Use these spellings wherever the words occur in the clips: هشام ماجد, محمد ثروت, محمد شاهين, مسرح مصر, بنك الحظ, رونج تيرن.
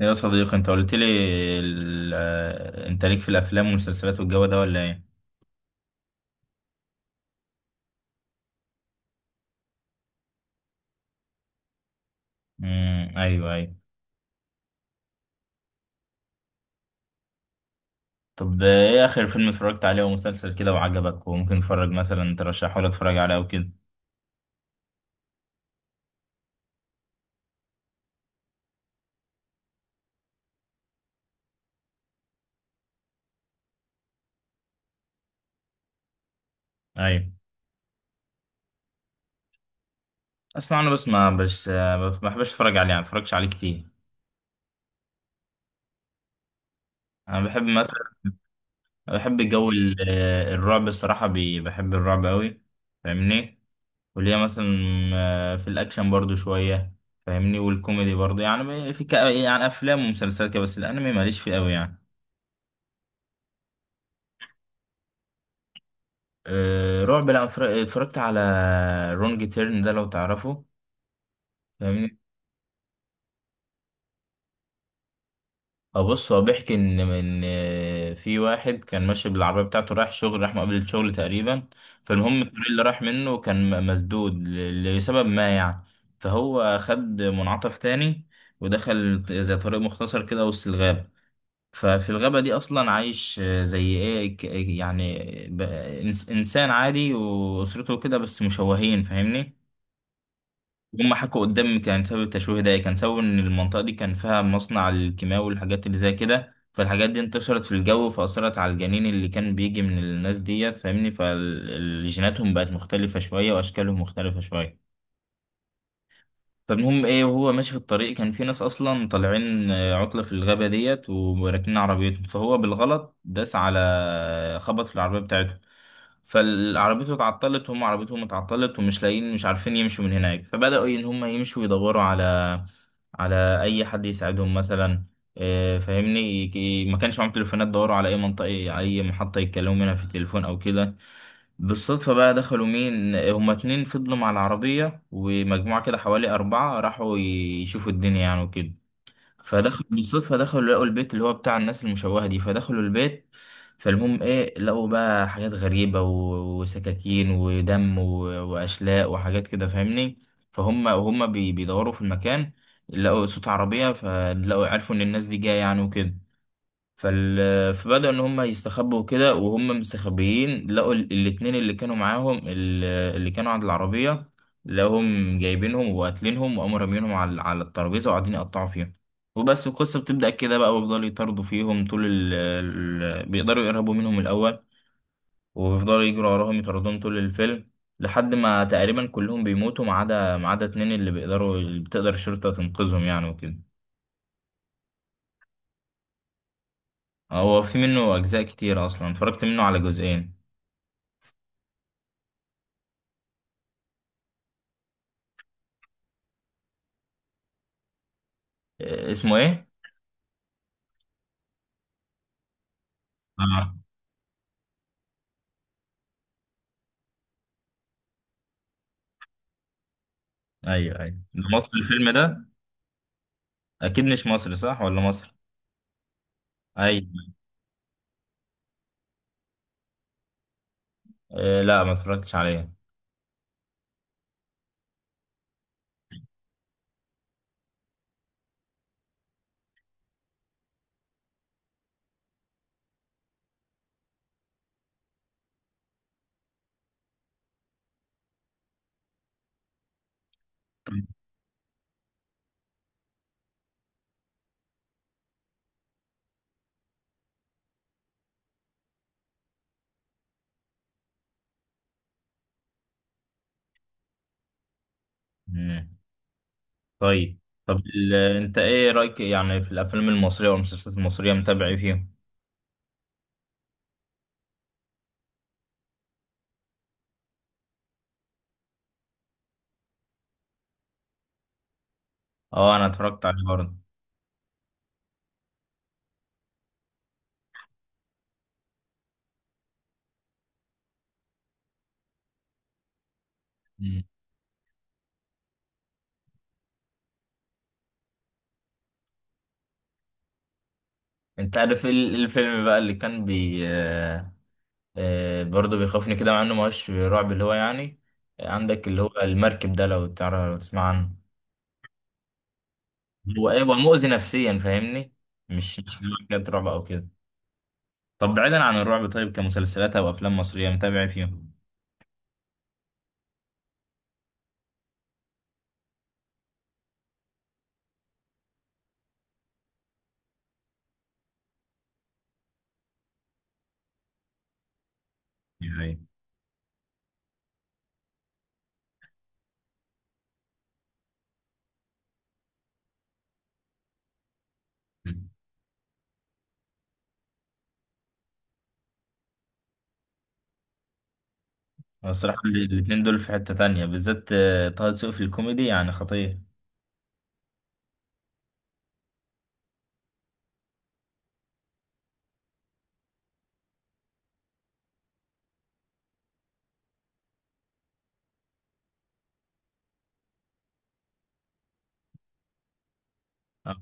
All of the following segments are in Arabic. يا صديقي، انت قلت لي انت ليك في الافلام والمسلسلات والجو ده ولا ايه؟ ايوه، ايوه. طب، ايه اخر فيلم اتفرجت عليه ومسلسل كده وعجبك وممكن اتفرج مثلا ترشحه لي اتفرج عليه وكده؟ ايوه. اسمع، انا بس ما بش آه، ما بحبش اتفرج عليه يعني، ما اتفرجش عليه كتير. انا بحب مثلا، بحب جو الرعب، الصراحه بحب الرعب قوي. فاهمني؟ وليها مثلا في الاكشن برضو شويه، فاهمني، والكوميدي برضو، يعني في يعني افلام ومسلسلات كده، بس الانمي ماليش فيه قوي يعني. أه رعب، لا اتفرجت على رونج تيرن، ده لو تعرفه. فاهمني؟ أه، بص، هو بيحكي ان في واحد كان ماشي بالعربيه بتاعته رايح شغل، راح مقابل الشغل تقريبا. فالمهم الطريق اللي راح منه كان مسدود لسبب ما يعني. فهو خد منعطف تاني ودخل زي طريق مختصر كده وسط الغابه. ففي الغابة دي أصلا عايش زي إيه، يعني ب- إنسان عادي وأسرته كده، بس مشوهين، فاهمني؟ هم حكوا قدامي كان سبب التشويه ده إيه؟ كان سبب إن المنطقة دي كان فيها مصنع الكيماوي والحاجات اللي زي كده، فالحاجات دي انتشرت في الجو فأثرت على الجنين اللي كان بيجي من الناس ديت، فاهمني، فالجيناتهم بقت مختلفة شوية وأشكالهم مختلفة شوية. فالمهم ايه، وهو ماشي في الطريق، كان في ناس اصلا طالعين عطلة في الغابة ديت وراكنين عربيتهم، فهو بالغلط داس على خبط في العربية بتاعتهم. فالعربيته اتعطلت، وهم عربيتهم اتعطلت، ومش لاقيين، مش عارفين يمشوا من هناك، فبدأوا ان هم يمشوا يدوروا على على اي حد يساعدهم مثلا، فاهمني، ما كانش معاهم تليفونات، دوروا على اي منطقة، اي محطة يتكلموا منها في التليفون او كده. بالصدفة بقى دخلوا، مين هما؟ اتنين فضلوا مع العربية ومجموعة كده حوالي أربعة راحوا يشوفوا الدنيا يعني وكده. فدخلوا بالصدفة، دخلوا لقوا البيت اللي هو بتاع الناس المشوهة دي، فدخلوا البيت. فالمهم ايه، لقوا بقى حاجات غريبة و- وسكاكين ودم و- وأشلاء وحاجات كده، فاهمني. فهم، وهم بيدوروا في المكان، لقوا صوت عربية، فلقوا، عرفوا إن الناس دي جاية يعني وكده. فال... فبدأوا إن هم يستخبوا كده، وهم مستخبيين لقوا الاتنين اللي كانوا معاهم، اللي كانوا عند العربية، لقوهم جايبينهم وقاتلينهم وقاموا رامينهم على على الترابيزة وقاعدين يقطعوا فيها. وبس القصة بتبدأ كده بقى، ويفضلوا يطاردوا فيهم طول بيقدروا يقربوا منهم الأول، ويفضلوا يجروا وراهم يطاردوهم طول الفيلم لحد ما تقريبا كلهم بيموتوا، ما عدا، ما عدا اتنين اللي بيقدروا، اللي بتقدر الشرطة تنقذهم يعني وكده. هو في منه أجزاء كتير أصلا، اتفرجت منه على جزئين. اسمه ايه؟ اه، ايوه، ايوه، ده مصر الفيلم ده. اكيد مش مصري، صح ولا مصر؟ ايوه. آه، لا، ما اتفرجتش عليه. مم. طيب. طب انت ايه رايك يعني في الافلام المصريه والمسلسلات المصريه، متابع ايه فيهم؟ اه، انا اتفرجت عليه برضه. مم. انت عارف الفيلم بقى اللي كان بي آه، آه برضه بيخوفني كده، مع انه ما هوش رعب، اللي هو يعني عندك اللي هو المركب ده، لو تعرف لو تسمع عنه. هو ايه؟ هو مؤذي نفسيا، فاهمني؟ مش حاجات رعب او كده. طب بعيدا عن الرعب، طيب كمسلسلات او افلام مصريه متابع فيهم؟ يعني أنا الصراحه الاتنين دول في حته تانية بالذات، طه دسوقي في الكوميدي يعني خطير. اه،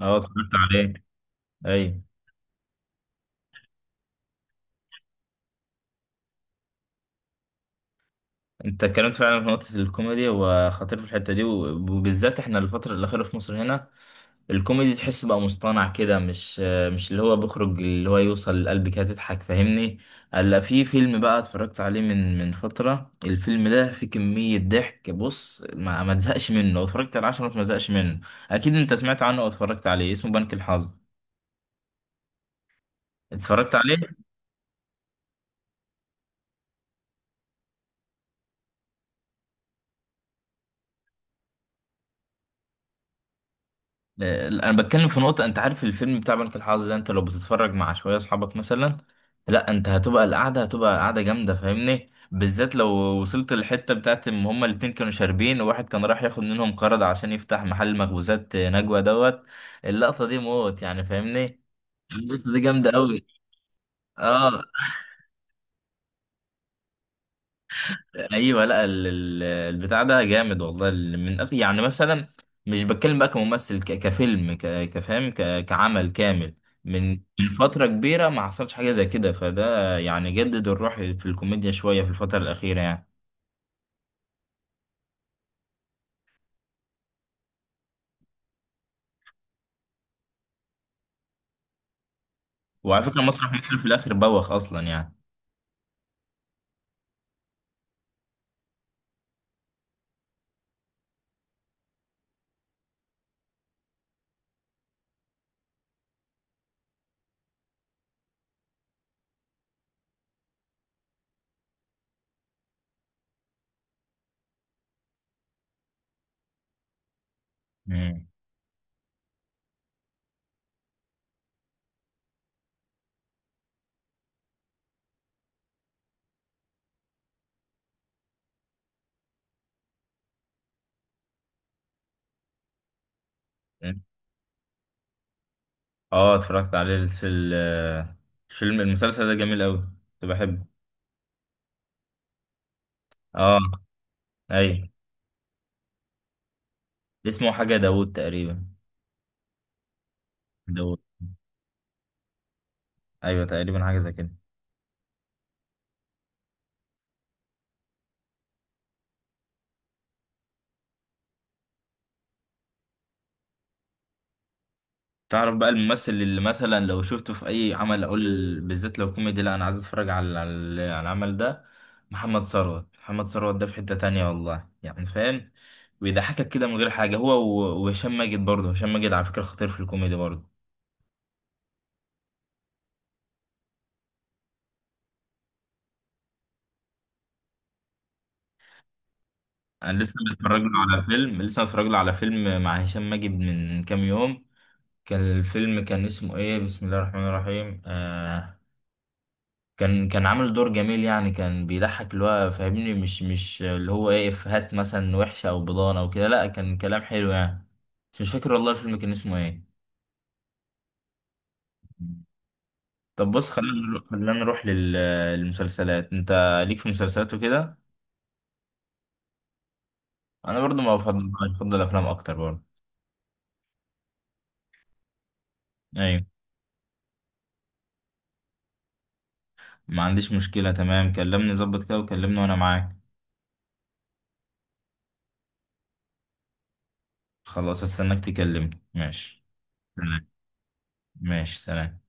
اتفرجت عليه. اي. انت اتكلمت فعلا في نقطه الكوميدي، وخطير في الحته دي، وبالذات احنا الفتره الاخيره في مصر هنا الكوميدي تحسه بقى مصطنع كده، مش اللي هو بيخرج، اللي هو يوصل لقلبك كده تضحك، فاهمني. الا في فيلم بقى اتفرجت عليه من فترة، الفيلم ده فيه كمية ضحك، بص ما تزهقش منه، لو اتفرجت على عشرة ما تزهقش منه. اكيد انت سمعت عنه واتفرجت عليه، اسمه بنك الحظ. اتفرجت عليه؟ انا بتكلم في نقطة، انت عارف الفيلم بتاع بنك الحظ ده، انت لو بتتفرج مع شوية اصحابك مثلا، لا انت هتبقى، القعدة هتبقى قعدة جامدة، فاهمني، بالذات لو وصلت للحتة بتاعت ان هما الاتنين كانوا شاربين، وواحد كان راح ياخد منهم قرض عشان يفتح محل مخبوزات نجوى دوت، اللقطة دي موت يعني، فاهمني. اللقطة دي جامدة قوي. اه. ايوه، لا، البتاع ده جامد والله، من يعني مثلا مش بتكلم بقى كممثل، كفيلم، كفهم، كعمل كامل، من فتره كبيره ما حصلش حاجه زي كده. فده يعني جدد الروح في الكوميديا شويه في الفتره الاخيره يعني. وعلى فكره، مسرح مصر في الاخر بوخ اصلا يعني. مم. اه، اتفرجت عليه في الفيلم، المسلسل ده جميل قوي، كنت بحبه. اه. ايوه، اسمه حاجه داوود تقريبا. داوود. ايوه، تقريبا حاجه زي كده. تعرف بقى الممثل اللي مثلا لو شفته في اي عمل اقول، بالذات لو كوميدي، لا انا عايز اتفرج على على العمل ده. محمد ثروت، محمد ثروت ده في حتة تانية والله يعني، فاهم، بيضحكك كده من غير حاجة، هو و- وهشام ماجد برضه. هشام ماجد على فكرة خطير في الكوميدي برضه. انا لسه متفرج له على فيلم، لسه متفرج له على فيلم مع هشام ماجد من كام يوم، كان الفيلم، كان اسمه ايه بسم الله الرحمن الرحيم؟ كان، كان عامل دور جميل يعني، كان بيضحك اللي هو، فاهمني، مش اللي هو ايه افيهات مثلا وحشة او بضانة او كده، لا كان كلام حلو يعني، بس مش فاكر والله الفيلم كان اسمه ايه. طب بص، خلينا نروح للمسلسلات. انت ليك في مسلسلات وكده؟ انا برضو ما بفضل افلام اكتر برضو. ايوه. ما عنديش مشكلة، تمام، كلمني ظبط كده وكلمني وانا معاك. خلاص، استناك تكلمني، ماشي. تمام. ماشي، سلام.